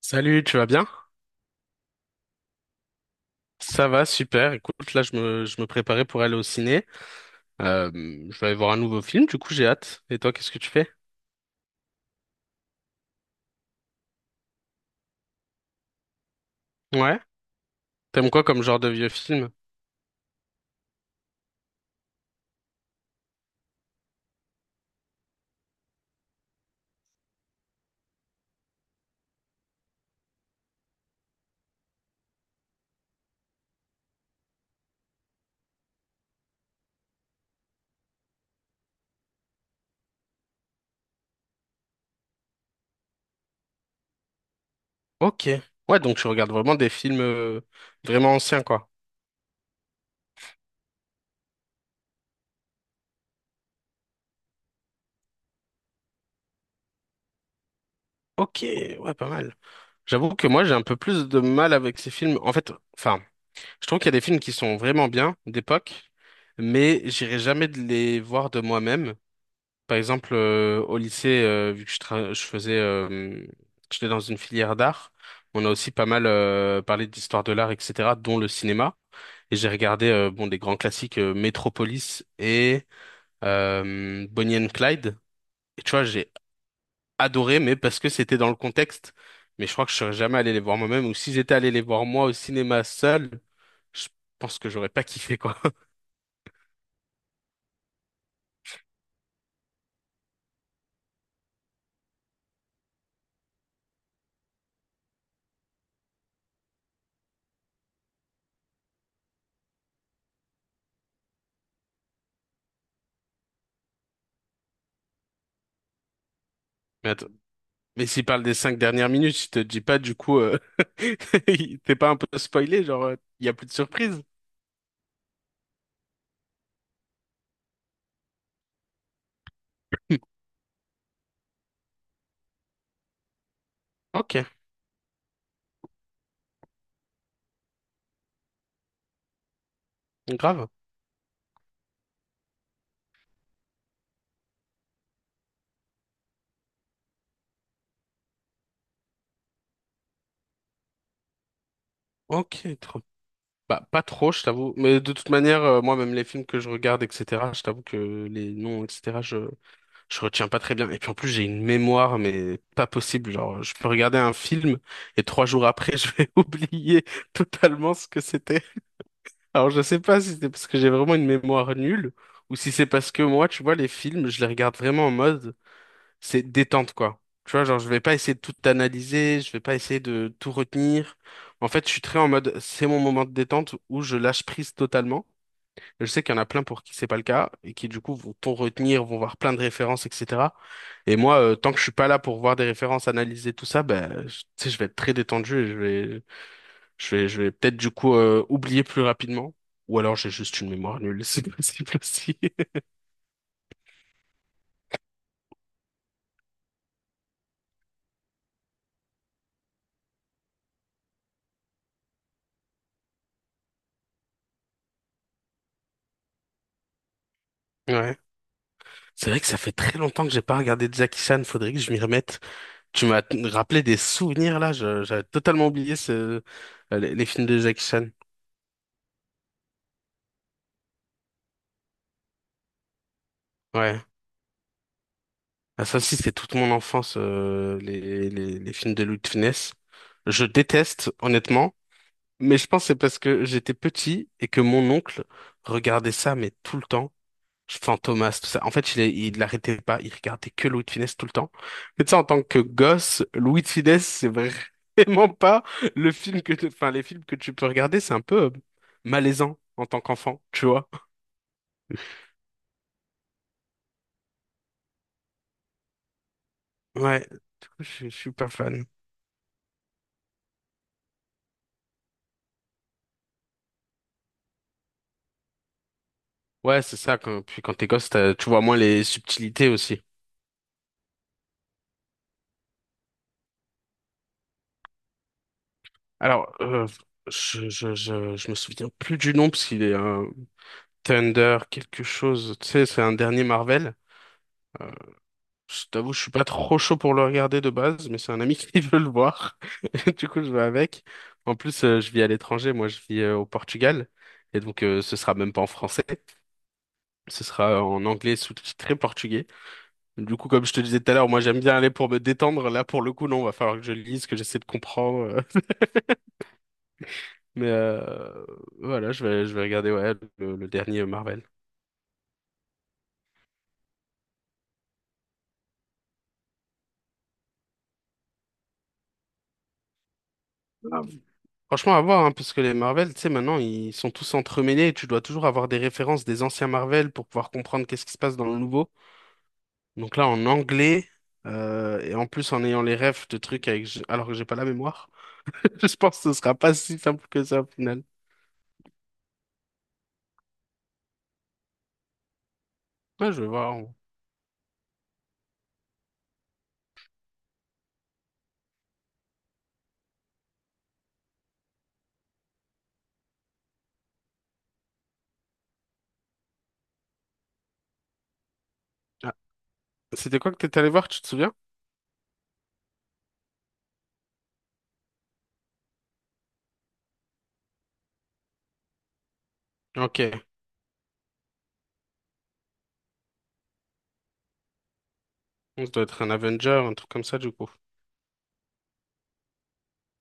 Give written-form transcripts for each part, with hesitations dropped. Salut, tu vas bien? Ça va, super. Écoute, là, je me préparais pour aller au ciné. Euh, je vais aller voir un nouveau film, du coup, j'ai hâte. Et toi, qu'est-ce que tu fais? Ouais. T'aimes quoi comme genre de vieux film? Ok. Ouais, donc je regarde vraiment des films vraiment anciens, quoi. Ok, ouais, pas mal. J'avoue que moi, j'ai un peu plus de mal avec ces films. En fait, enfin, je trouve qu'il y a des films qui sont vraiment bien, d'époque, mais j'irai jamais de les voir de moi-même. Par exemple, au lycée, vu que je faisais, j'étais dans une filière d'art, on a aussi pas mal parlé d'histoire de l'art, etc., dont le cinéma. Et j'ai regardé bon des grands classiques Metropolis et Bonnie and Clyde. Et tu vois, j'ai adoré, mais parce que c'était dans le contexte. Mais je crois que je serais jamais allé les voir moi-même. Ou si j'étais allé les voir moi au cinéma seul, je pense que j'aurais pas kiffé quoi. Mais s'il parle des 5 dernières minutes, je te dis pas du coup, t'es pas un peu spoilé, genre, il y a plus de surprise. Ok, grave. Ok, trop. Bah, pas trop, je t'avoue. Mais de toute manière, moi, même les films que je regarde, etc., je t'avoue que les noms, etc., je retiens pas très bien. Et puis en plus, j'ai une mémoire, mais pas possible. Genre, je peux regarder un film et 3 jours après, je vais oublier totalement ce que c'était. Alors, je sais pas si c'est parce que j'ai vraiment une mémoire nulle ou si c'est parce que moi, tu vois, les films, je les regarde vraiment en mode c'est détente, quoi. Tu vois, genre, je vais pas essayer de tout analyser, je vais pas essayer de tout retenir. En fait, je suis très en mode c'est mon moment de détente où je lâche prise totalement. Je sais qu'il y en a plein pour qui c'est pas le cas et qui, du coup, vont tout retenir, vont voir plein de références, etc. Et moi, tant que je suis pas là pour voir des références, analyser tout ça, ben, tu sais, je vais être très détendu et je vais peut-être du coup oublier plus rapidement. Ou alors j'ai juste une mémoire nulle, c'est possible aussi. Ouais. C'est vrai que ça fait très longtemps que j'ai pas regardé Jackie Chan, faudrait que je m'y remette. Tu m'as rappelé des souvenirs là, j'avais totalement oublié les films de Jackie Chan. Ouais. Ah, ça aussi, c'est toute mon enfance, les films de Louis de Funès. Je déteste, honnêtement, mais je pense que c'est parce que j'étais petit et que mon oncle regardait ça, mais tout le temps. Fantomas, tout ça. En fait, il l'arrêtait pas, il regardait que Louis de Funès tout le temps. Mais tu sais, en tant que gosse, Louis de Funès, c'est vraiment pas le film que enfin, les films que tu peux regarder, c'est un peu malaisant en tant qu'enfant, tu vois. Ouais, du coup, je suis pas fan. Ouais, c'est ça. Puis quand t'es gosse, tu vois moins les subtilités aussi. Alors, je me souviens plus du nom parce qu'il est un Thunder quelque chose. Tu sais, c'est un dernier Marvel. Euh, je t'avoue, je suis pas trop chaud pour le regarder de base, mais c'est un ami qui veut le voir. Du coup, je vais avec. En plus, je vis à l'étranger. Moi, je vis au Portugal. Et donc, ce sera même pas en français. Ce sera en anglais sous-titré portugais. Du coup, comme je te disais tout à l'heure, moi j'aime bien aller pour me détendre. Là, pour le coup, non, va falloir que je lise, que j'essaie de comprendre. Mais voilà, je vais regarder ouais, le dernier Marvel. Ah, franchement, à voir, hein, parce que les Marvel, tu sais, maintenant, ils sont tous entremêlés et tu dois toujours avoir des références des anciens Marvel pour pouvoir comprendre qu'est-ce qui se passe dans le nouveau. Donc là, en anglais, et en plus en ayant les refs de trucs avec... alors que j'ai pas la mémoire, je pense que ce sera pas si simple que ça au final. Ouais, je vais voir. Ah, c'était quoi que t'étais allé voir, tu te souviens? Ok. On doit être un Avenger, un truc comme ça, du coup.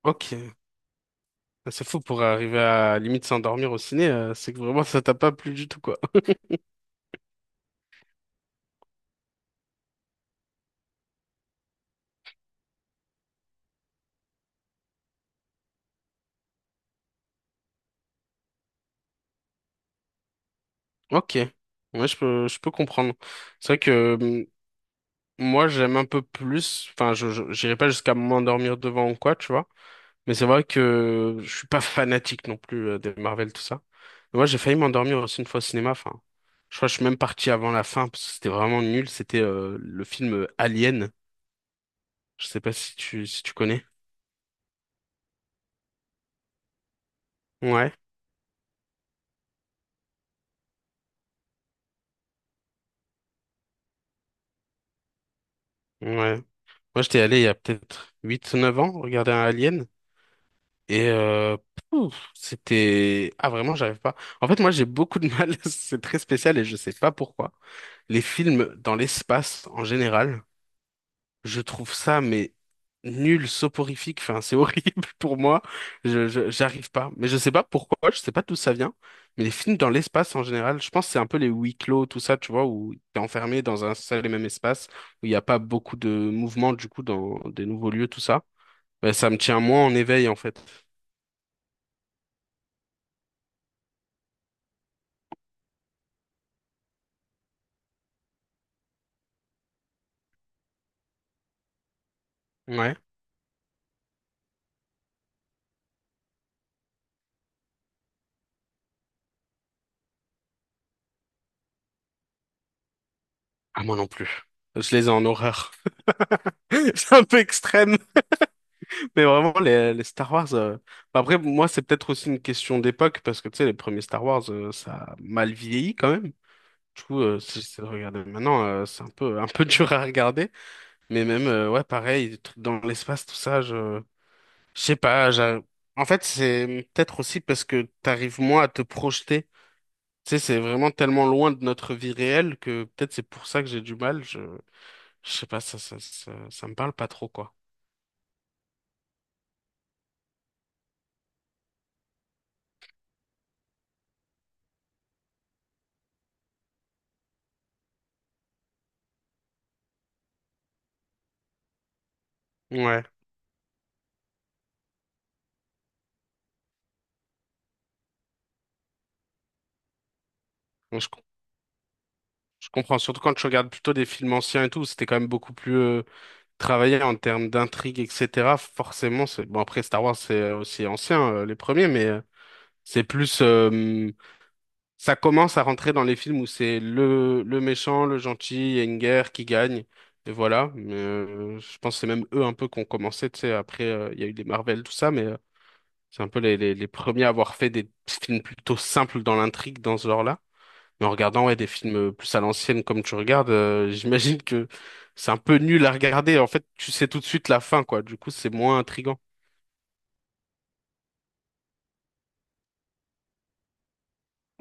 Ok. C'est fou pour arriver à limite s'endormir au ciné, c'est que vraiment ça t'a pas plu du tout, quoi. Ok. Ouais, je peux comprendre. C'est vrai que moi, j'aime un peu plus, enfin, j'irai pas jusqu'à m'endormir devant ou quoi, tu vois. Mais c'est vrai que je suis pas fanatique non plus des Marvel, tout ça. Mais moi, j'ai failli m'endormir aussi une fois au cinéma, enfin. Je crois que je suis même parti avant la fin, parce que c'était vraiment nul. C'était le film Alien. Je sais pas si si tu connais. Ouais. Ouais. Moi, j'étais allé il y a peut-être 8, 9 ans regarder un Alien et pouf, c'était... Ah, vraiment, j'arrive pas. En fait, moi, j'ai beaucoup de mal. C'est très spécial et je sais pas pourquoi. Les films dans l'espace en général, je trouve ça, mais nul, soporifique. Enfin, c'est horrible pour moi. J'arrive pas. Mais je sais pas pourquoi, je sais pas d'où ça vient. Mais les films dans l'espace en général, je pense que c'est un peu les huis clos, tout ça, tu vois, où t'es enfermé dans un seul et même espace, où il n'y a pas beaucoup de mouvement, du coup, dans des nouveaux lieux, tout ça. Ben, ça me tient moins en éveil, en fait. Ouais. Ah, moi non plus. Je les ai en horreur. C'est un peu extrême. Mais vraiment, les Star Wars. Bah, après, moi, c'est peut-être aussi une question d'époque, parce que tu sais, les premiers Star Wars, ça a mal vieilli quand même. Du coup, si j'essaie de regarder maintenant, c'est un peu dur à regarder. Mais même, ouais, pareil, des trucs dans l'espace, tout ça, je sais pas. En fait, c'est peut-être aussi parce que t'arrives moins à te projeter. Tu sais, c'est vraiment tellement loin de notre vie réelle que peut-être c'est pour ça que j'ai du mal. Je sais pas, ça me parle pas trop, quoi. Ouais, je Je comprends, surtout quand je regarde plutôt des films anciens et tout, c'était quand même beaucoup plus travaillé en termes d'intrigue, etc. Forcément, c'est bon après Star Wars c'est aussi ancien les premiers, mais c'est plus ça commence à rentrer dans les films où c'est le méchant, le gentil, il y a une guerre qui gagne et voilà. Mais je pense que c'est même eux un peu qui ont commencé, tu sais. Après il y a eu les Marvel tout ça, mais c'est un peu les premiers à avoir fait des films plutôt simples dans l'intrigue dans ce genre-là. Mais en regardant ouais, des films plus à l'ancienne comme tu regardes, j'imagine que c'est un peu nul à regarder. En fait, tu sais tout de suite la fin, quoi. Du coup, c'est moins intriguant.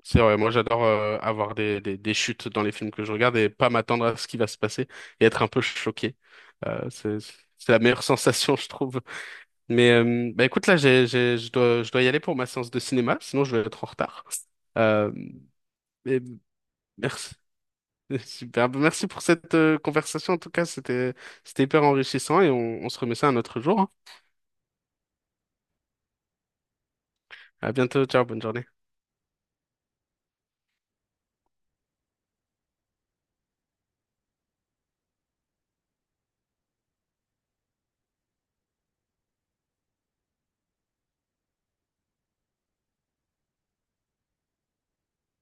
C'est vrai, moi j'adore avoir des chutes dans les films que je regarde et pas m'attendre à ce qui va se passer et être un peu choqué. Euh, c'est, c'est la meilleure sensation, je trouve. Mais bah, écoute, là, je dois y aller pour ma séance de cinéma, sinon je vais être en retard. Euh, mais merci. Super, merci pour cette conversation. En tout cas, c'était hyper enrichissant et on se remet ça un autre jour, hein. À bientôt. Ciao. Bonne journée.